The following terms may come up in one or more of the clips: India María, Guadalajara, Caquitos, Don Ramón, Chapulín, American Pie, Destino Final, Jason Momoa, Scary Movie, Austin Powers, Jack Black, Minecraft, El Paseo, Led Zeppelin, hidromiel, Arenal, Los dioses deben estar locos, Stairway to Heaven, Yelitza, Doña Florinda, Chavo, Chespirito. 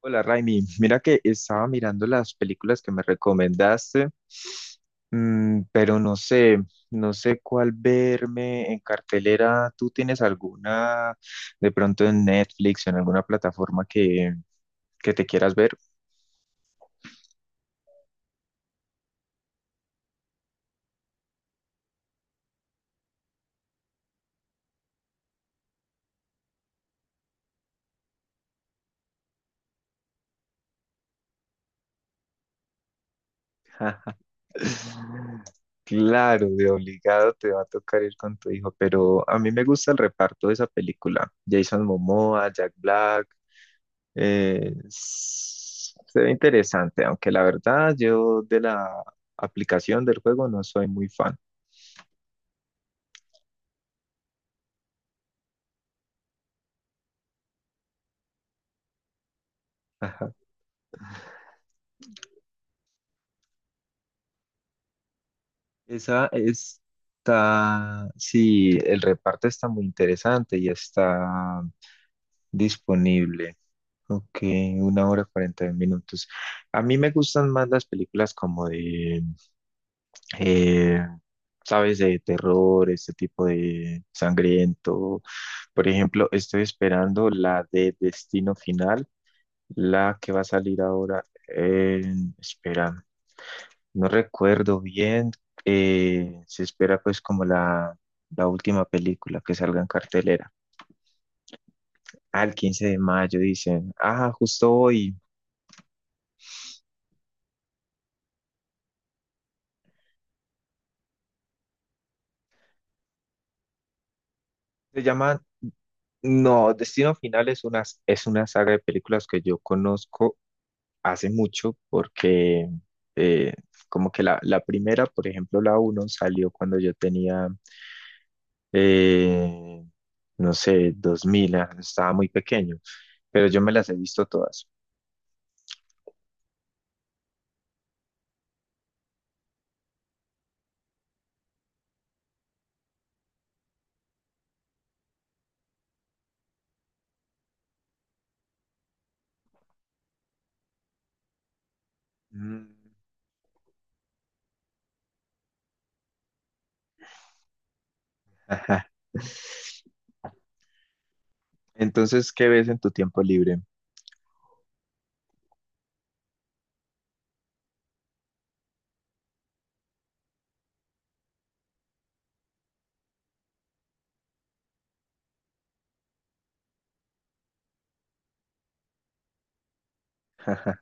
Hola Raimi, mira que estaba mirando las películas que me recomendaste, pero no sé cuál verme en cartelera. ¿Tú tienes alguna de pronto en Netflix o en alguna plataforma que te quieras ver? Claro, de obligado te va a tocar ir con tu hijo, pero a mí me gusta el reparto de esa película. Jason Momoa, Jack Black. Se ve interesante, aunque la verdad yo de la aplicación del juego no soy muy fan. Ajá. Esa está, sí, el reparto está muy interesante y está disponible. Ok, una hora cuarenta minutos. A mí me gustan más las películas como eh, sabes, de terror, este tipo de sangriento. Por ejemplo, estoy esperando la de Destino Final. La que va a salir ahora, espera, no recuerdo bien, se espera pues como la última película que salga en cartelera. Al 15 de mayo dicen, ah, justo hoy. Se llama, no, Destino Final es una saga de películas que yo conozco hace mucho porque eh, como que la primera, por ejemplo, la uno salió cuando yo tenía... eh, no sé, 2000, ah, estaba muy pequeño. Pero yo me las he visto todas. Mm. Ajá. Entonces, ¿qué ves en tu tiempo libre? Ajá.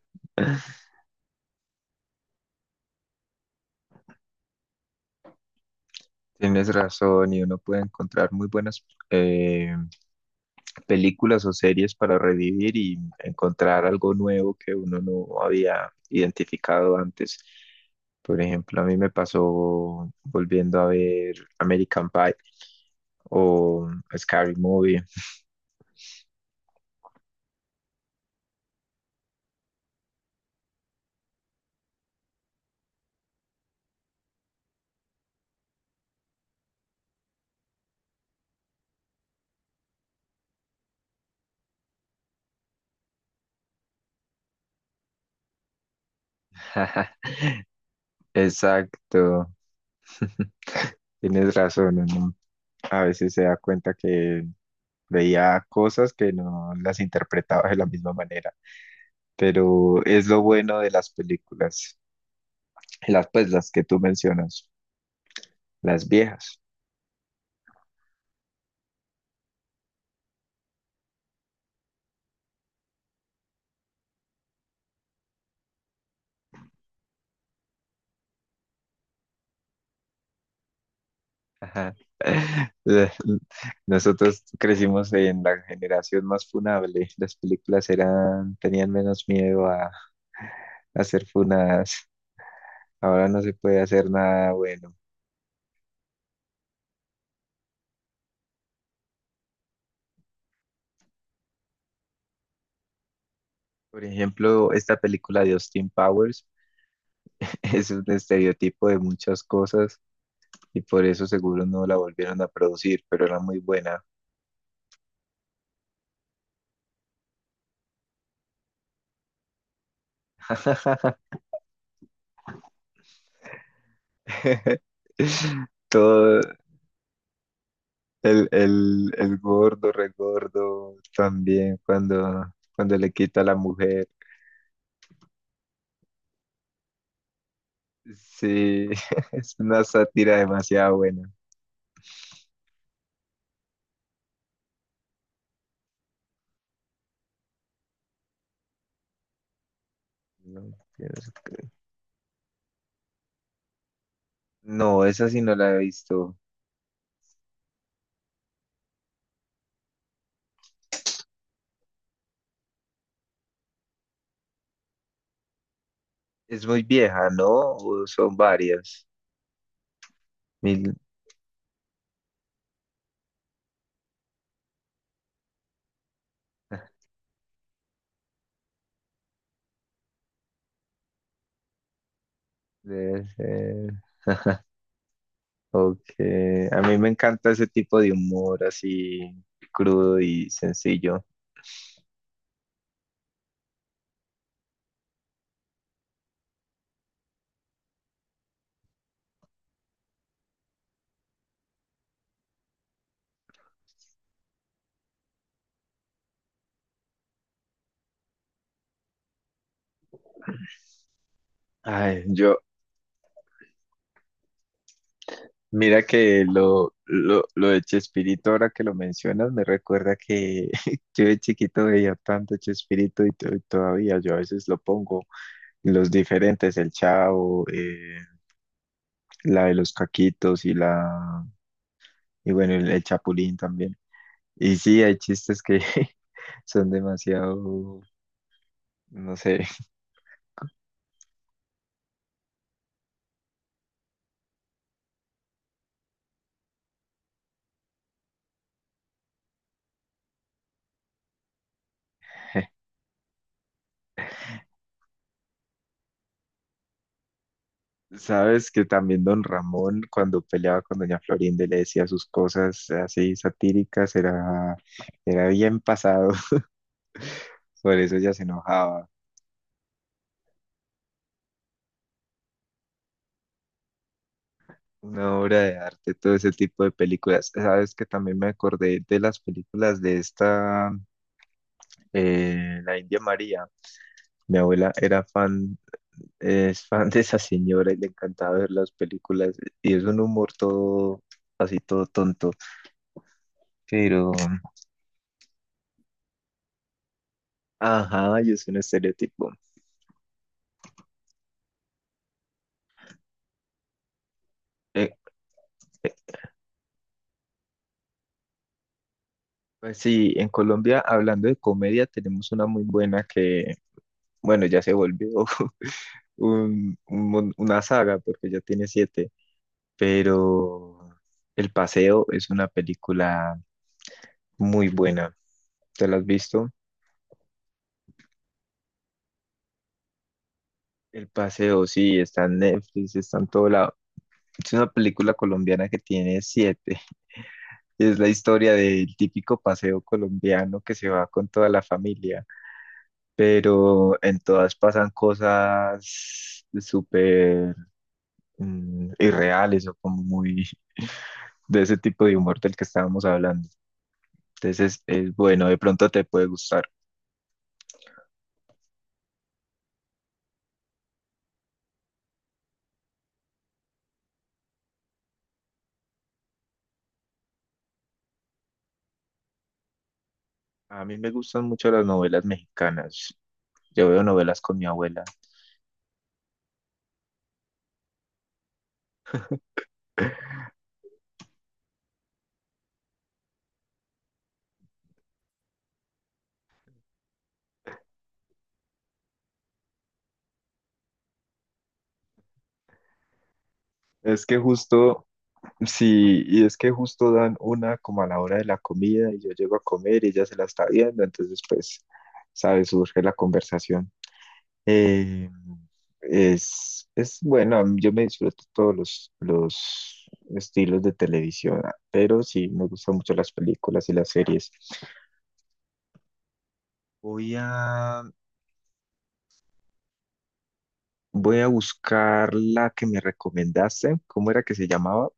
Tienes razón, y uno puede encontrar muy buenas eh, películas o series para revivir y encontrar algo nuevo que uno no había identificado antes. Por ejemplo, a mí me pasó volviendo a ver American Pie o Scary Movie. Exacto, tienes razón, uno a veces se da cuenta que veía cosas que no las interpretaba de la misma manera, pero es lo bueno de las películas, las que tú mencionas, las viejas. Ajá. La- Nosotros crecimos en la generación más funable, las películas eran, tenían menos miedo a ser funadas. Ahora no se puede hacer nada bueno. Por ejemplo, esta película de Austin Powers es un estereotipo de muchas cosas y por eso seguro no la volvieron a producir, pero era muy buena. Todo el gordo, regordo, también cuando le quita a la mujer. Sí, es una sátira demasiado buena. No, tienes- no, esa sí no la he visto. Es muy vieja, ¿no? ¿O son varias? Mil- Debe ser. Ok. A mí me encanta ese tipo de humor así crudo y sencillo. Ay, yo, Mira que lo de Chespirito, ahora que lo mencionas, me recuerda que yo de chiquito veía tanto Chespirito y y todavía yo a veces lo pongo. Los diferentes, el Chavo, la de los Caquitos y bueno, el Chapulín también. Y sí, hay chistes que son demasiado, no sé. Sabes que también Don Ramón, cuando peleaba con Doña Florinda y le decía sus cosas así satíricas, era, era bien pasado, por eso ella se enojaba. Una obra de arte, todo ese tipo de películas. Sabes que también me acordé de las películas de la India María. Mi abuela era fan, es fan de esa señora y le encantaba ver las películas. Y es un humor todo, así todo tonto. Pero, ajá, y es un estereotipo. Eh, eh, Pues sí, en Colombia, hablando de comedia, tenemos una muy buena que, bueno, ya se volvió una saga porque ya tiene siete, pero El Paseo es una película muy buena. ¿Te la has visto? El Paseo, sí, está en Netflix, está en todo lado. Es una película colombiana que tiene siete. Es la historia del típico paseo colombiano que se va con toda la familia, pero en todas pasan cosas súper, irreales o como muy de ese tipo de humor del que estábamos hablando. Entonces es bueno, de pronto te puede gustar. A mí me gustan mucho las novelas mexicanas. Yo veo novelas con mi abuela. Es que justo, sí, y es que justo dan una como a la hora de la comida y yo llego a comer y ella se la está viendo, entonces pues, sabes, surge la conversación. Eh, es bueno, yo me disfruto todos los estilos de televisión, ah, pero sí me gustan mucho las películas y las series. Voy a, Voy a buscar la que me recomendaste. ¿Cómo era que se llamaba?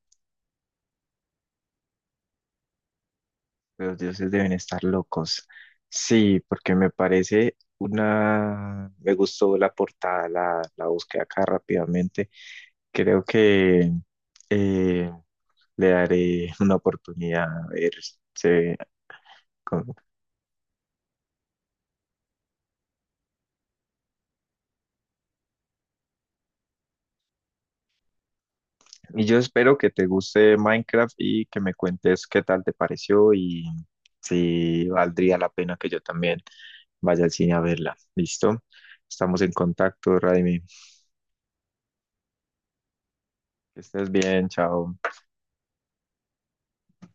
Los dioses deben estar locos. Sí, porque me parece una... Me gustó la portada, la busqué acá rápidamente. Creo que eh, le daré una oportunidad a ver. se- con- Y yo espero que te guste Minecraft y que me cuentes qué tal te pareció y si valdría la pena que yo también vaya al cine a verla. ¿Listo? Estamos en contacto, Raimi. Que estés bien, chao.